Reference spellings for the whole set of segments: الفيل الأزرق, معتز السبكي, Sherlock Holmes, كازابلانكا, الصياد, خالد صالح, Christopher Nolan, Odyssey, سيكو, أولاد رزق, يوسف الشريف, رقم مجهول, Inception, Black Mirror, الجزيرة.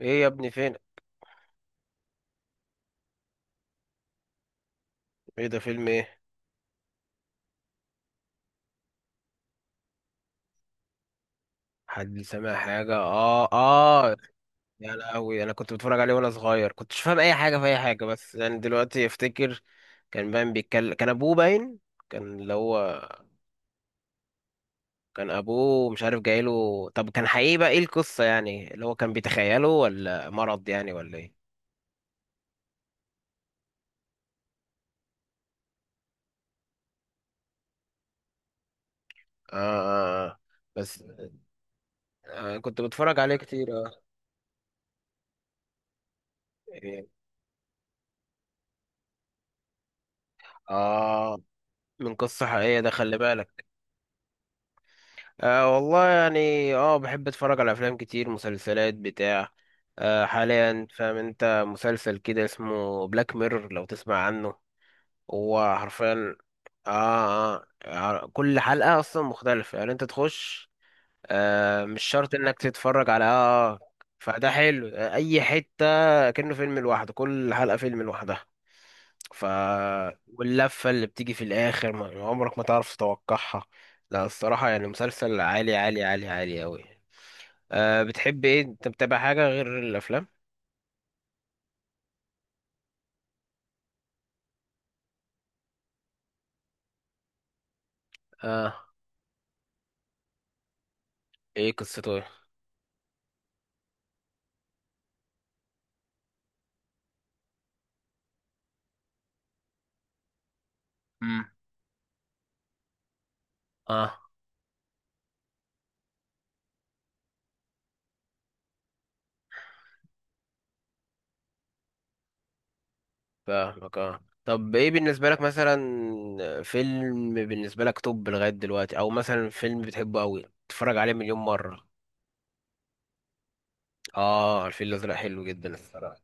ايه يا ابني فين؟ ايه ده؟ فيلم ايه؟ حد سامع حاجه؟ اه اه. يا لهوي، انا كنت بتفرج عليه وانا صغير، كنت مش فاهم اي حاجه في اي حاجه، بس يعني دلوقتي افتكر. كان باين بيتكلم، كان ابوه باين، كان اللي هو كان ابوه مش عارف جايله. طب كان حقيقي؟ بقى ايه القصه؟ يعني اللي هو كان بيتخيله ولا مرض يعني ولا ايه؟ اه اه آه. بس. آه، كنت بتفرج عليه كتير اه. إيه. اه، من قصه حقيقيه ده، خلي بالك. أه والله يعني بحب اتفرج على افلام كتير، مسلسلات، بتاع. أه، حاليا فاهم انت، مسلسل كده اسمه بلاك ميرور لو تسمع عنه. هو حرفيا. آه, كل حلقة اصلا مختلفة، يعني انت تخش. أه، مش شرط انك تتفرج على. فده حلو، اي حتة. كأنه فيلم لوحده، كل حلقة فيلم لوحدها. ف. واللفة اللي بتيجي في الآخر، ما يعني عمرك ما تعرف تتوقعها. لا، الصراحة يعني مسلسل عالي عالي عالي عالي أوي. أه، بتحب إيه؟ أنت متابع حاجة غير الأفلام؟ أه. إيه قصته إيه؟ مم. أه. فاهمك، أه، طب إيه بالنسبة لك مثلا فيلم، بالنسبة لك توب لغاية دلوقتي؟ أو مثلا فيلم بتحبه أوي تتفرج عليه مليون مرة؟ أه، الفيل الأزرق حلو جدا الصراحة.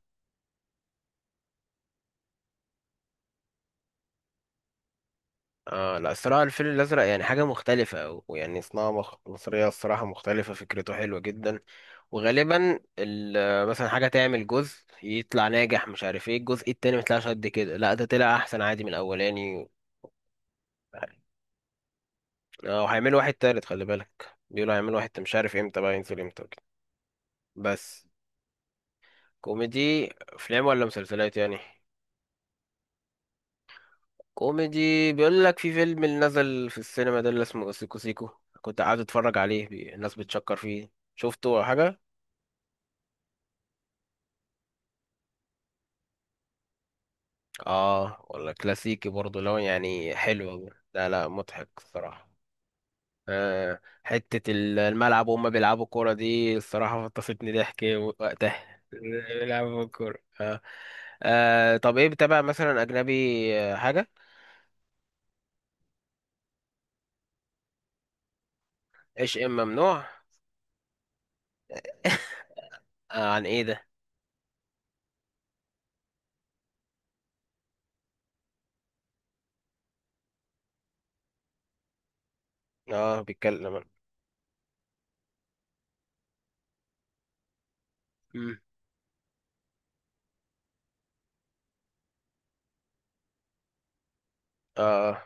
اه، لا، الصراحة الفيل الأزرق يعني حاجة مختلفة، ويعني صناعة مصرية الصراحة مختلفة، فكرته حلوة جدا. وغالبا مثلا حاجة تعمل جزء، يطلع ناجح، مش عارف ايه الجزء التاني ميطلعش قد كده، لا ده طلع أحسن عادي من الأولاني. اه، وهيعملوا واحد تالت، خلي بالك، بيقولوا هيعملوا واحد، مش عارف امتى بقى ينزل امتى وكده. بس. كوميدي؟ أفلام ولا مسلسلات يعني؟ كوميدي، بيقول لك في فيلم اللي نزل في السينما ده اللي اسمه سيكو سيكو، كنت قاعد اتفرج عليه، الناس بتشكر فيه. شفته ولا حاجة؟ اه، ولا كلاسيكي برضه لو يعني حلو أوي. لا لا مضحك الصراحة. آه، حتة الملعب وهم بيلعبوا كورة دي، الصراحة فطستني ضحك وقتها بيلعبوا كورة. آه، طب ايه؟ بتابع مثلا أجنبي حاجة؟ ايش ممنوع؟ آه، عن ايه ده؟ اه، بيتكلم عن-. مم. اه،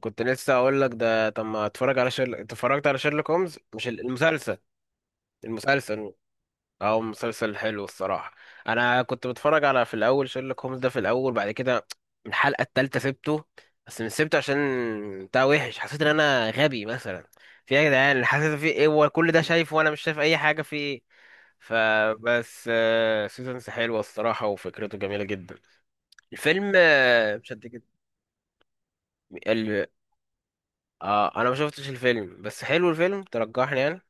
كنت لسه اقول لك ده، طب ما اتفرج على شيرلوك، اتفرجت على شيرلوك هومز؟ مش المسلسل. المسلسل. او مسلسل حلو الصراحه. انا كنت بتفرج على، في الاول شيرلوك هومز ده، في الاول بعد كده، من الحلقه الثالثه سبته. بس مش سبته عشان بتاع وحش، حسيت ان انا غبي مثلا. في ايه يا جدعان؟ حسيت في ايه؟ هو كل ده شايفه وانا مش شايف اي حاجه؟ في ايه؟ فبس. سيزونز حلوه الصراحه، وفكرته جميله جدا. الفيلم، مش. هديك. اه، انا ما شفتش الفيلم، بس حلو الفيلم، ترجحني يعني.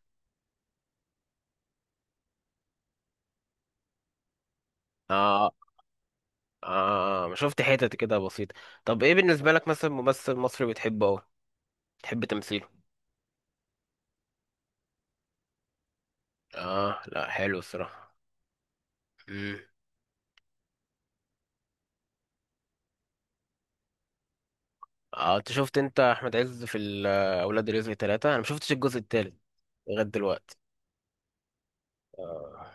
اه اه، ما شفت حتت كده بسيطة. طب ايه بالنسبة لك مثلا ممثل مصري بتحبه اوي؟ بتحب تمثيله؟ اه، لا حلو الصراحة. امم. اه، انت شفت، انت احمد عز في اولاد رزق ثلاثة؟ انا ما شفتش الجزء التالت لغاية دلوقتي. اه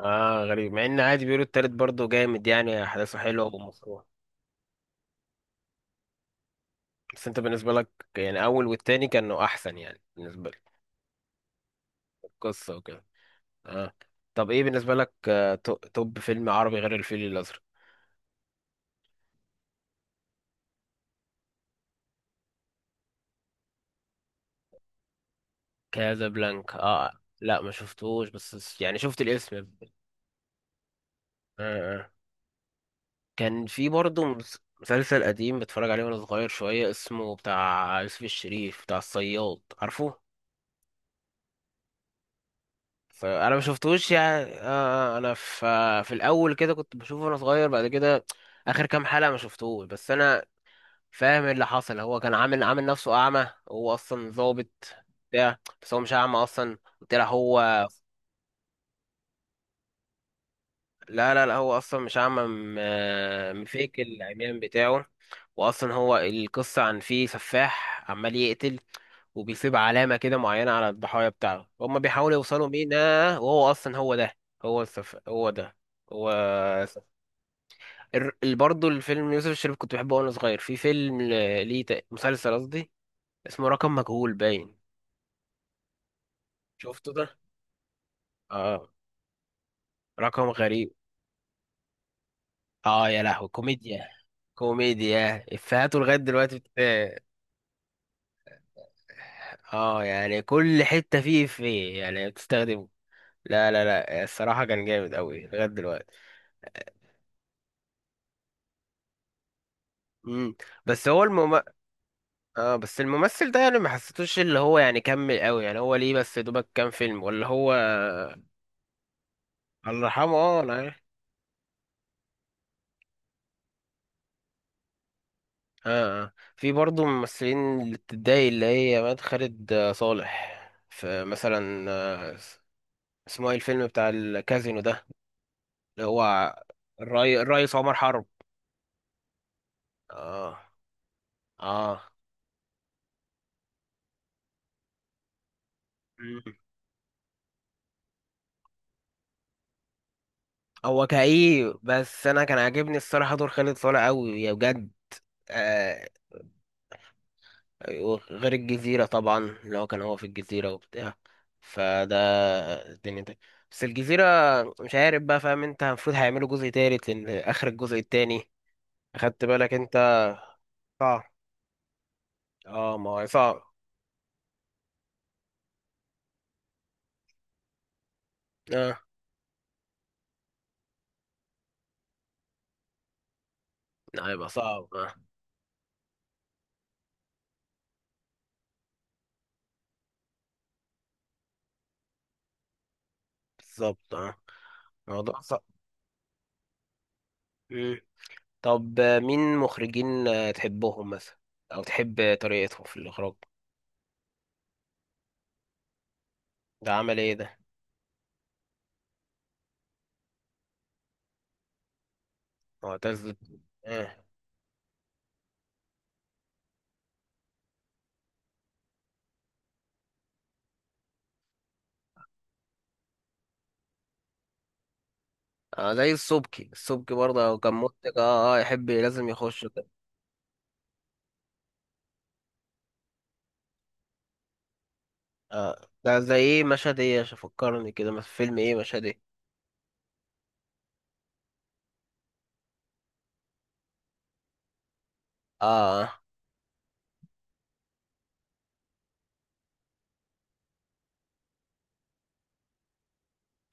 اه، غريب، مع ان عادي بيقولوا التالت برضه جامد، يعني احداثه حلوة ومصروعة. بس انت بالنسبة لك، يعني اول والتاني كانوا احسن يعني بالنسبة لك؟ القصة وكده. اه، طب ايه بالنسبة لك، توب فيلم عربي غير الفيل الأزرق؟ كازابلانكا، اه. لا، ما شفتوش، بس يعني شفت الاسم آه. آه. كان في برضه مسلسل قديم بتفرج عليه وانا صغير شوية، اسمه بتاع يوسف الشريف، بتاع الصياد، عارفه؟ انا ما شفتوش يعني انا في، في الاول كده كنت بشوفه وانا صغير، بعد كده اخر كام حلقة ما شفتوش، بس انا فاهم ايه اللي حصل. هو كان عامل نفسه اعمى، هو اصلا ظابط بتاع، بس هو مش اعمى اصلا. طلع هو. لا لا لا، هو اصلا مش اعمى، مفيك العميان بتاعه. واصلا هو القصه عن فيه سفاح عمال يقتل، وبيسيب علامه كده معينه على الضحايا بتاعه، هما بيحاولوا يوصلوا مين، وهو اصلا هو ده. هو هو ده. هو. السف-. برضه الفيلم يوسف الشريف كنت بحبه وانا صغير، في فيلم ليه مسلسل قصدي اسمه رقم مجهول باين. شفته ده؟ اه. رقم غريب. اه يا لهوي، كوميديا. كوميديا، افيهاته لغايه دلوقتي بت... اه، يعني كل حته فيه افيه يعني بتستخدمه. لا لا لا، الصراحه كان جامد قوي لغايه دلوقتي. امم. بس هو المم... اه، بس الممثل ده يعني ما حسيتوش اللي هو يعني كمل قوي، يعني هو ليه بس دوبك كام فيلم ولا هو؟ الله يرحمه، اه، لا. اه اه، في برضه ممثلين اللي بتتضايق اللي هي مات، خالد صالح. فمثلا اسمه ايه الفيلم بتاع الكازينو ده؟ اللي هو الرئيس عمر حرب. اه اه. مم. هو كئيب، بس انا كان عاجبني الصراحه دور خالد صالح قوي يا بجد. آه. غير الجزيره طبعا، اللي هو كان هو في الجزيره وبتاع. فده الدنيا دي. بس الجزيره مش عارف بقى، فاهم انت، المفروض هيعملوا جزء تالت لان اخر الجزء التاني، اخدت بالك انت؟ صعب. اه ما هو صعب. اه. لا، هيبقى صعب، اه. بالظبط، اه. الموضوع صعب. طب، مين مخرجين تحبهم مثلا، او تحب طريقتهم في الاخراج؟ ده عمل ايه ده؟ معتز. اه، زي السبكي، السبكي برضه لو كان منتج اه اه، يحب لازم يخش كده. اه، ده زي ايه؟ مشهد ايه عشان فكرني كده؟ مثلا فيلم ايه؟ مشهد ايه؟ اه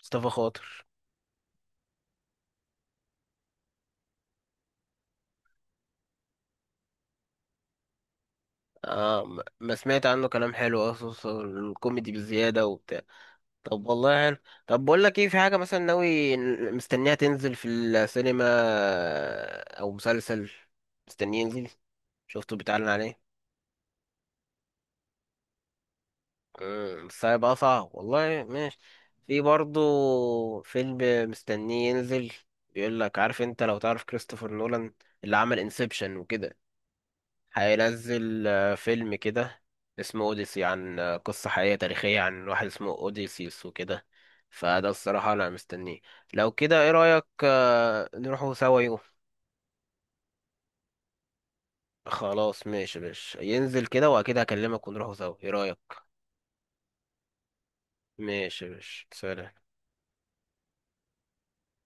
مصطفى خاطر. اه، ما سمعت عنه كلام حلو، اصلا الكوميدي بزيادة وبتاع. طب والله حلو. طب بقول لك ايه، في حاجة مثلا ناوي مستنيها تنزل في السينما، او مسلسل مستنيه ينزل، شفته بيتعلن عليه؟ امم، بس هيبقى صعب والله، ماشي. في برضو فيلم مستنيه ينزل، بيقول لك، عارف انت لو تعرف كريستوفر نولان اللي عمل انسبشن وكده؟ هينزل فيلم كده اسمه اوديسي، عن قصة حقيقية تاريخية عن واحد اسمه اوديسيوس وكده. فده الصراحة انا مستنيه. لو كده، ايه رأيك نروحوا سوا يوم؟ خلاص، ماشي يا باشا، ينزل كده واكيد هكلمك ونروحوا سوا، ايه رأيك؟ ماشي يا باشا، سلام.